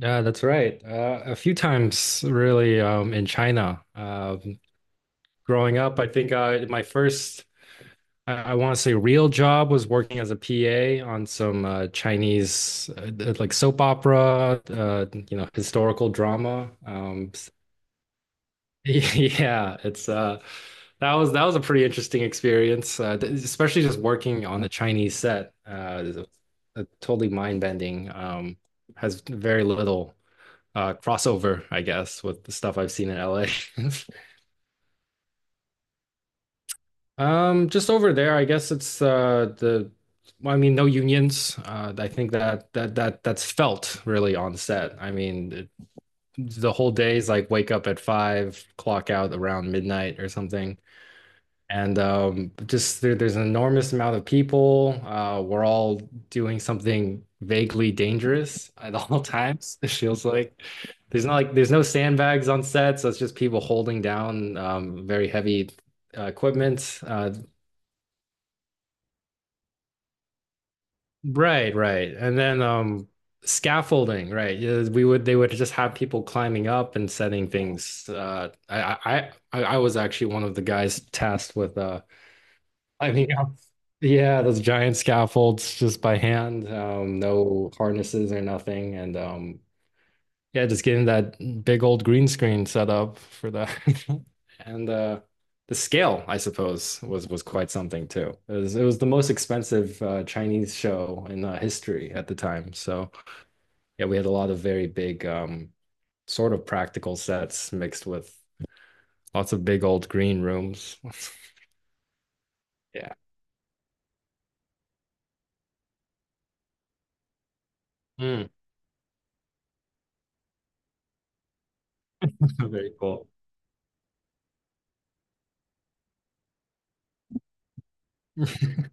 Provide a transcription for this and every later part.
Yeah, that's right. A few times, really, in China. Growing up, I think, my first, I want to say, real job was working as a PA on some, Chinese, like soap opera, historical drama. Yeah, it's that was a pretty interesting experience, especially just working on a Chinese set. A totally mind-bending. Has very little crossover, I guess, with the stuff I've seen in LA. Just over there, I guess well, I mean, no unions. I think that that's felt really on set. I mean, the whole day is like wake up at 5, clock out around midnight or something. And there's an enormous amount of people. We're all doing something vaguely dangerous at all times. It feels like there's not like there's no sandbags on set, so it's just people holding down very heavy equipment. Right, right. And then scaffolding, right? Yeah, We would they would just have people climbing up and setting things. I was actually one of the guys tasked with I mean, yeah, yeah, those giant scaffolds just by hand, no harnesses or nothing, and yeah, just getting that big old green screen set up for that, and the scale, I suppose, was quite something too. It was the most expensive Chinese show in history at the time. So yeah, we had a lot of very big, sort of practical sets mixed with lots of big old green rooms. Yeah. Mm. Very cool. Mhm.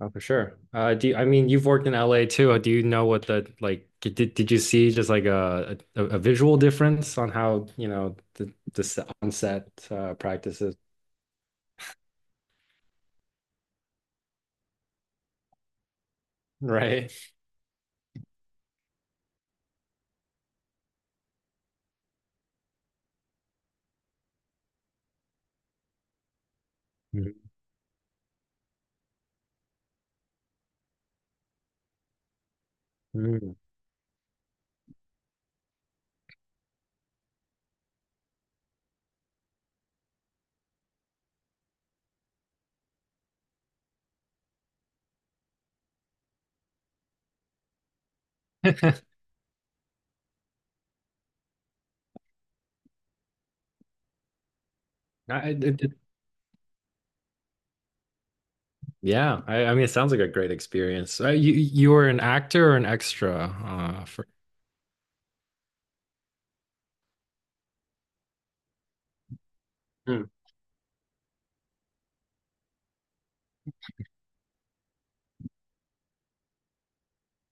Oh, for sure. I mean, you've worked in LA too. Do you know, what the like did you see just like a visual difference on how, the on-set practices. Right? Mhm. Mm. I, it, it- yeah, I mean, it sounds like a great experience. You were an actor or an extra for Hmm.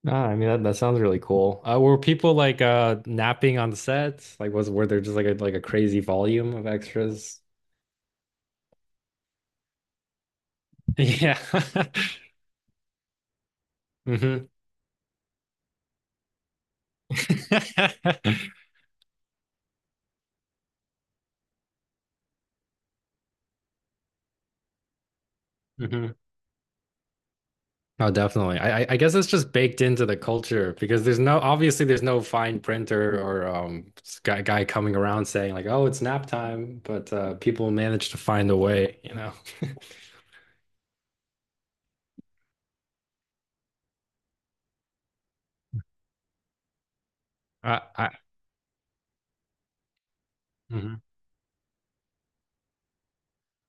Ah, I mean, that sounds really cool. Were people like napping on sets? Like, was were there just like a crazy volume of extras? Yeah. Mhm. Mm-hmm. Oh, definitely. I guess it's just baked into the culture because there's no obviously there's no fine printer or guy coming around saying like, oh, it's nap time, but people manage to find a way. I Mhm.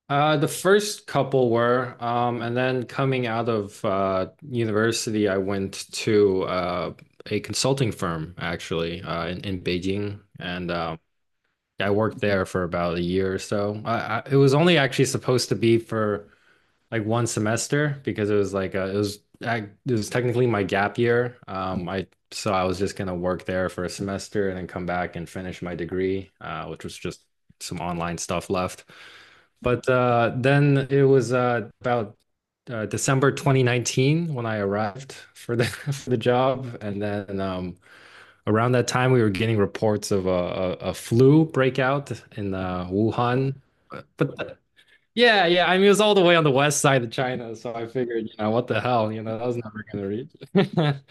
The first couple were, and then coming out of university, I went to a consulting firm actually, in Beijing, and I worked there for about a year or so. It was only actually supposed to be for like one semester because I, it was technically my gap year. I so I was just gonna work there for a semester and then come back and finish my degree, which was just some online stuff left. But then it was about December 2019 when I arrived for the for the job, and then around that time we were getting reports of a flu breakout in Wuhan. But, the- yeah, yeah, I mean, it was all the way on the west side of China, so I figured, what the hell, that was never gonna reach.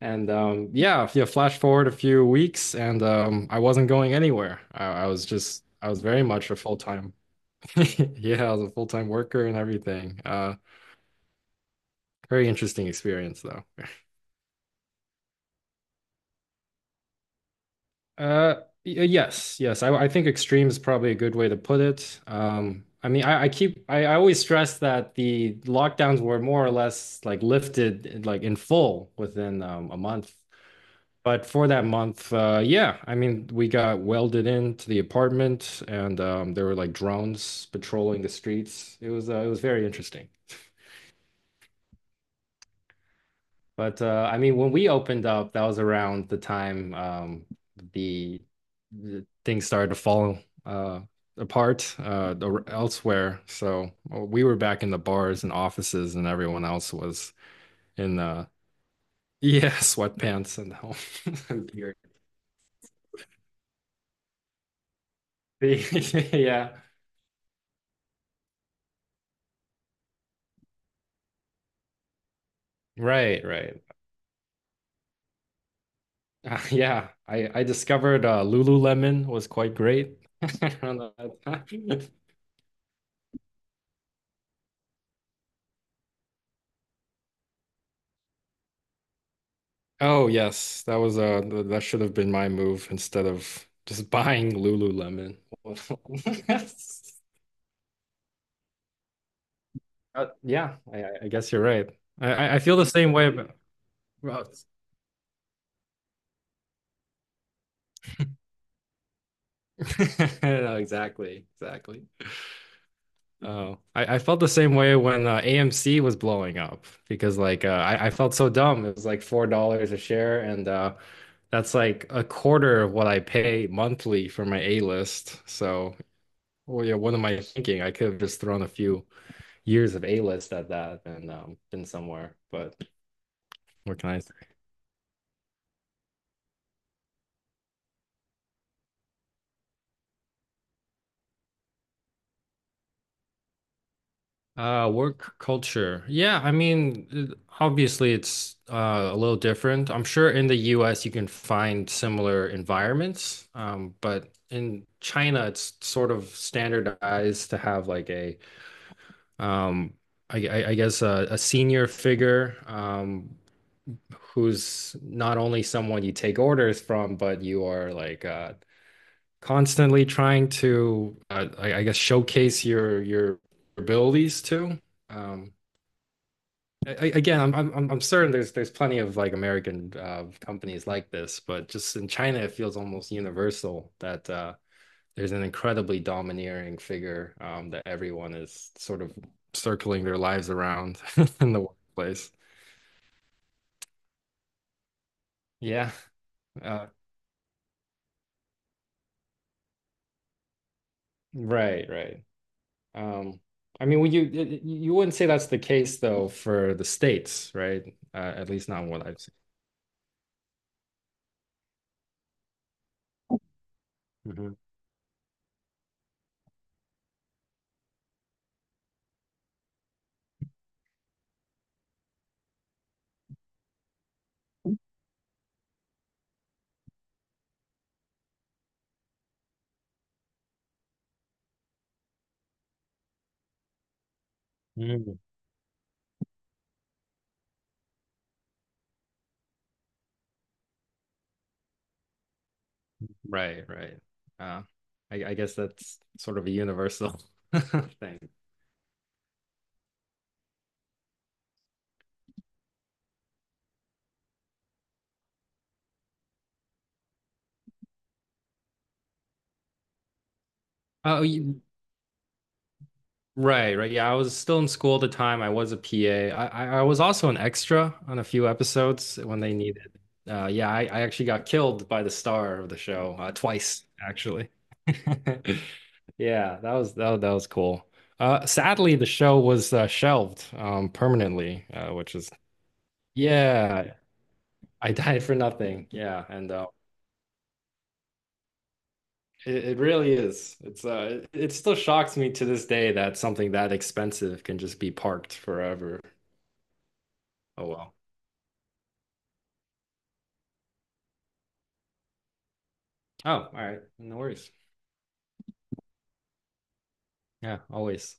And yeah, yeah, flash forward a few weeks, and I wasn't going anywhere. I was very much a full time, yeah, I was a full time worker and everything. Very interesting experience, though. Uh, yes, yes. I think extreme is probably a good way to put it. I mean, I always stress that the lockdowns were more or less like lifted like in full within a month. But for that month, yeah, I mean, we got welded into the apartment, and there were like drones patrolling the streets. It was very interesting. But I mean, when we opened up, that was around the time the, the things started to fall uh, apart elsewhere. So we were back in the bars and offices, and everyone else was in yeah, sweatpants and home and beer. Yeah, right, right. Yeah, I discovered, Lululemon was quite great. I don't know. Oh yes, that should have been my move instead of just buying Lululemon. Yeah, I guess you're right. I feel the same way about, well, no, exactly, exactly. Oh, I felt the same way when AMC was blowing up because like, I felt so dumb. It was like $4 a share, and that's like a quarter of what I pay monthly for my A-list. So, well, yeah, what am I thinking? I could have just thrown a few years of A-list at that and been somewhere, but what can I say? Work culture. Yeah, I mean, obviously it's, a little different. I'm sure in the US you can find similar environments, but in China it's sort of standardized to have like um, I guess a senior figure, who's not only someone you take orders from, but you are like, constantly trying to, I guess showcase your abilities too. Um, again, I'm certain there's plenty of like American, companies like this, but just in China, it feels almost universal that, there's an incredibly domineering figure, that everyone is sort of circling their lives around in the workplace. Yeah. Uh, right, right. Um, I mean, would you you wouldn't say that's the case though for the states, right? At least not what I've seen. Mhm. Mm. Right, right. Uh, I guess that's sort of a universal thing. Oh, you, Right, right. Yeah, I was still in school at the time. I was a PA. I was also an extra on a few episodes when they needed. Yeah, I actually got killed by the star of the show, twice, actually. Yeah, that was cool. Sadly, the show was shelved, permanently, which is yeah, I died for nothing. Yeah, and it really is. It still shocks me to this day that something that expensive can just be parked forever. Oh well. Oh, all right. No worries. Yeah, always.